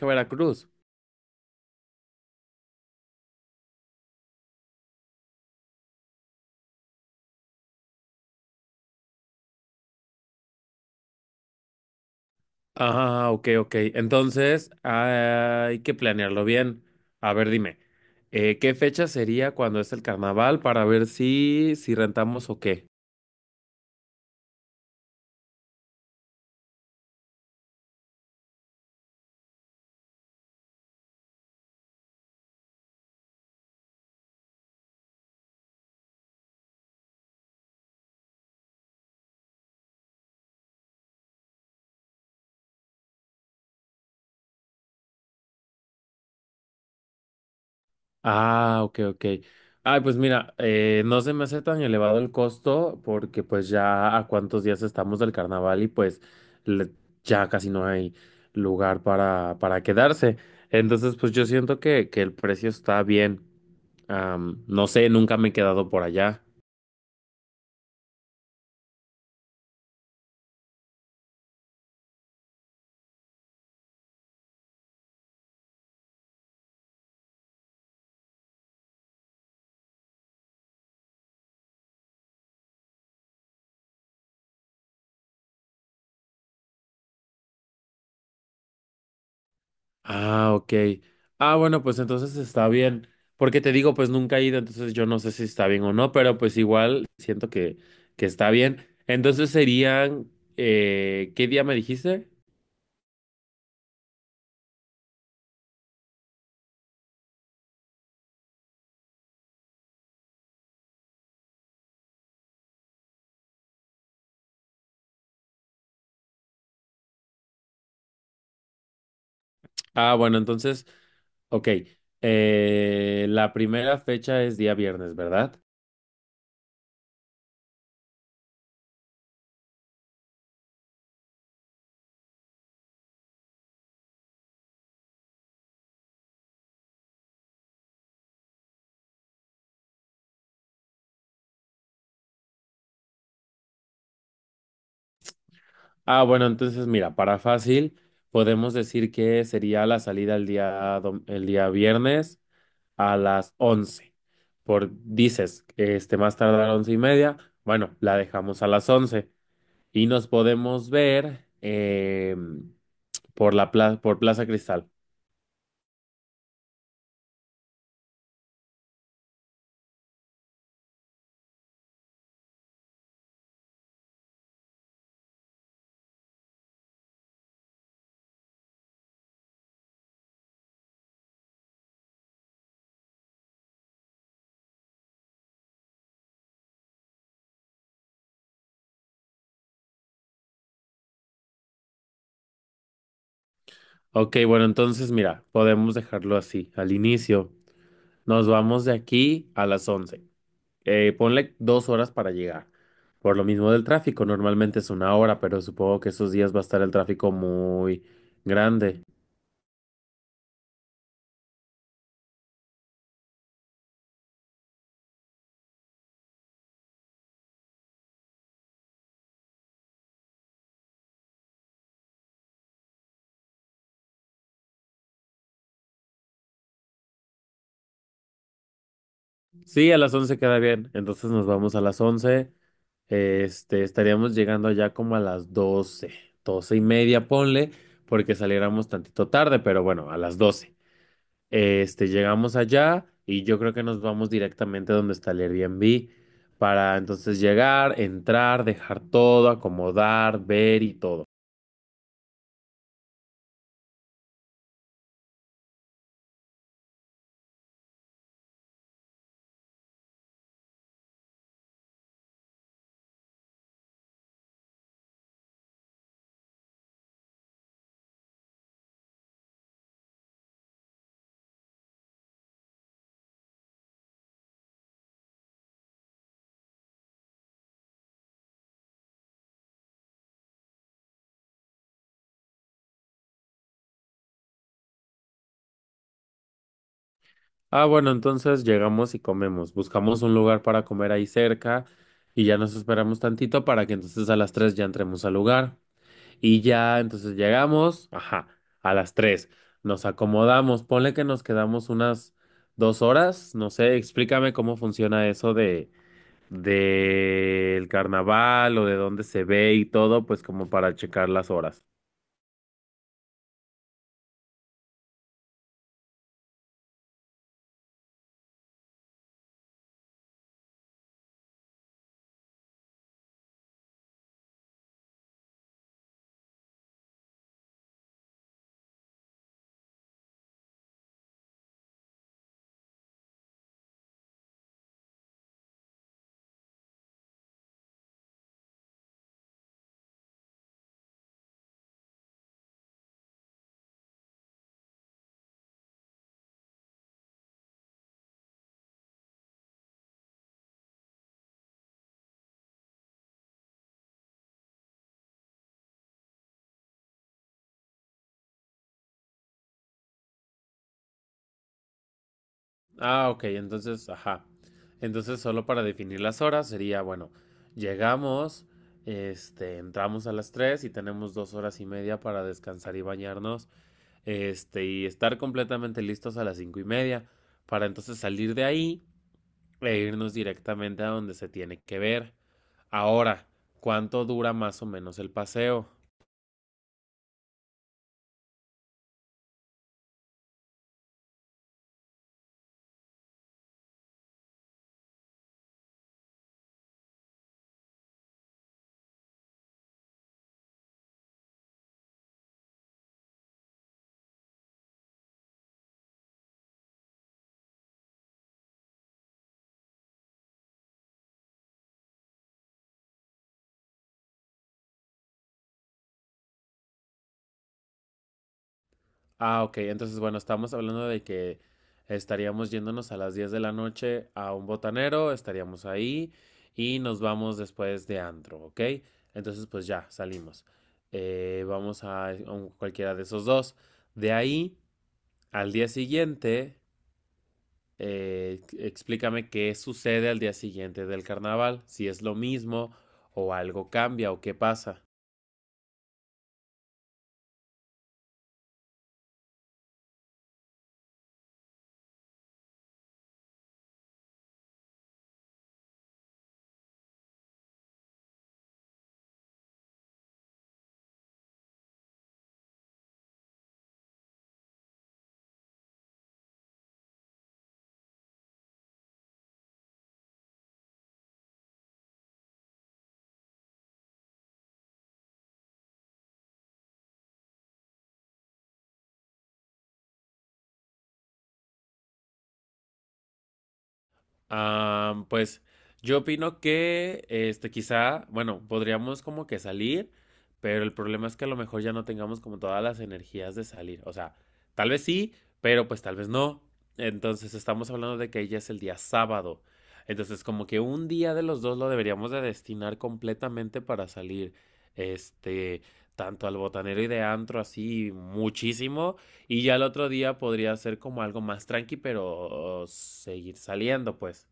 A Veracruz. Ah, ok, ok. Entonces, hay que planearlo bien. A ver, dime, ¿qué fecha sería cuando es el carnaval para ver si rentamos o qué? Ah, ok, ok. Ay, pues mira, no se me hace tan elevado el costo porque pues ya a cuántos días estamos del carnaval y pues le- ya casi no hay lugar para quedarse. Entonces, pues yo siento que el precio está bien. No sé, nunca me he quedado por allá. Ah, ok. Ah, bueno, pues entonces está bien. Porque te digo, pues nunca he ido, entonces yo no sé si está bien o no, pero pues igual siento que está bien. Entonces serían, ¿qué día me dijiste? Ah, bueno, entonces, ok. La primera fecha es día viernes, ¿verdad? Ah, bueno, entonces mira, para fácil, podemos decir que sería la salida el día viernes. A las 11. Por dices, este, más tarde a las 11:30, bueno, la dejamos a las 11 y nos podemos ver por Plaza Cristal. Ok, bueno, entonces mira, podemos dejarlo así. Al inicio, nos vamos de aquí a las 11. Ponle 2 horas para llegar. Por lo mismo del tráfico, normalmente es 1 hora, pero supongo que esos días va a estar el tráfico muy grande. Sí, a las 11 queda bien. Entonces nos vamos a las 11. Este, estaríamos llegando allá como a las 12, 12:30, ponle, porque saliéramos tantito tarde, pero bueno, a las 12. Este, llegamos allá y yo creo que nos vamos directamente donde está el Airbnb para entonces llegar, entrar, dejar todo, acomodar, ver y todo. Ah, bueno, entonces llegamos y comemos. Buscamos un lugar para comer ahí cerca y ya nos esperamos tantito para que entonces a las 3 ya entremos al lugar. Y ya, entonces llegamos, ajá, a las 3. Nos acomodamos, ponle que nos quedamos unas 2 horas, no sé, explícame cómo funciona eso de del carnaval o de dónde se ve y todo, pues como para checar las horas. Ah, ok, entonces, ajá. Entonces, solo para definir las horas sería, bueno, llegamos, este, entramos a las 3 y tenemos 2 horas y media para descansar y bañarnos, este, y estar completamente listos a las 5:30 para entonces salir de ahí e irnos directamente a donde se tiene que ver. Ahora, ¿cuánto dura más o menos el paseo? Ah, ok, entonces bueno, estamos hablando de que estaríamos yéndonos a las 10 de la noche a un botanero, estaríamos ahí y nos vamos después de antro, ¿ok? Entonces pues ya, salimos. Vamos a cualquiera de esos dos. De ahí, al día siguiente, explícame qué sucede al día siguiente del carnaval, si es lo mismo o algo cambia o qué pasa. Pues yo opino que este quizá, bueno, podríamos como que salir, pero el problema es que a lo mejor ya no tengamos como todas las energías de salir. O sea, tal vez sí, pero pues tal vez no. Entonces estamos hablando de que ya es el día sábado. Entonces como que un día de los dos lo deberíamos de destinar completamente para salir, este, tanto al botanero y de antro así muchísimo y ya el otro día podría ser como algo más tranqui, pero seguir saliendo, pues.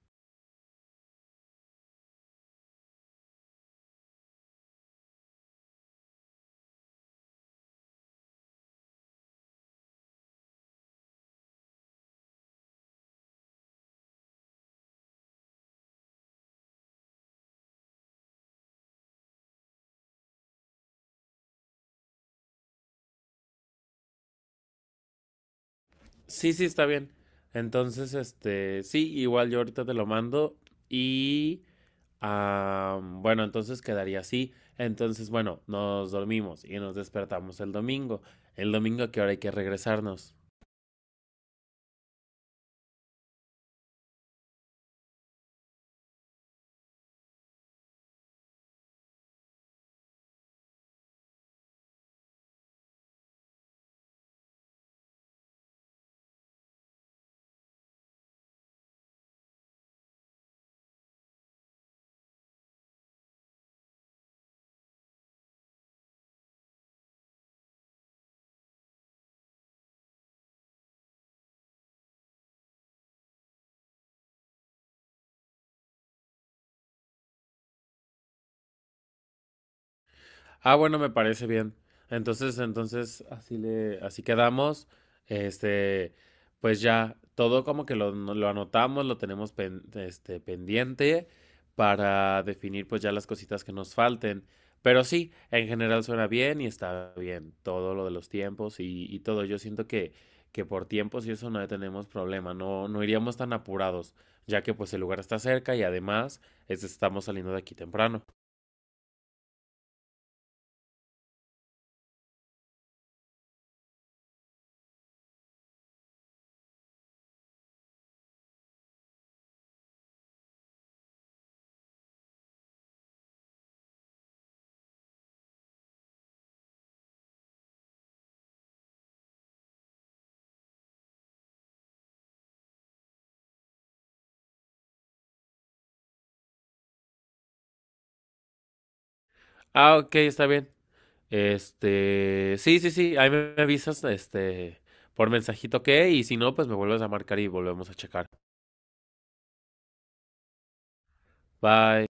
Sí, sí, está bien. Entonces, este, sí, igual yo ahorita te lo mando y, ah, bueno, entonces quedaría así. Entonces, bueno, nos dormimos y nos despertamos el domingo. El domingo, ¿a qué hora hay que regresarnos? Ah, bueno, me parece bien. Entonces, así le, así quedamos. Este, pues ya, todo como que lo, no, lo anotamos, lo tenemos pendiente para definir pues ya las cositas que nos falten. Pero sí, en general suena bien y está bien. Todo lo de los tiempos y todo. Yo siento que por tiempos y eso no tenemos problema. No, no iríamos tan apurados, ya que pues el lugar está cerca y además estamos saliendo de aquí temprano. Ah, ok, está bien. Este, sí, sí, sí, ahí me avisas, este, por mensajito que, y si no, pues me vuelves a marcar y volvemos a checar. Bye.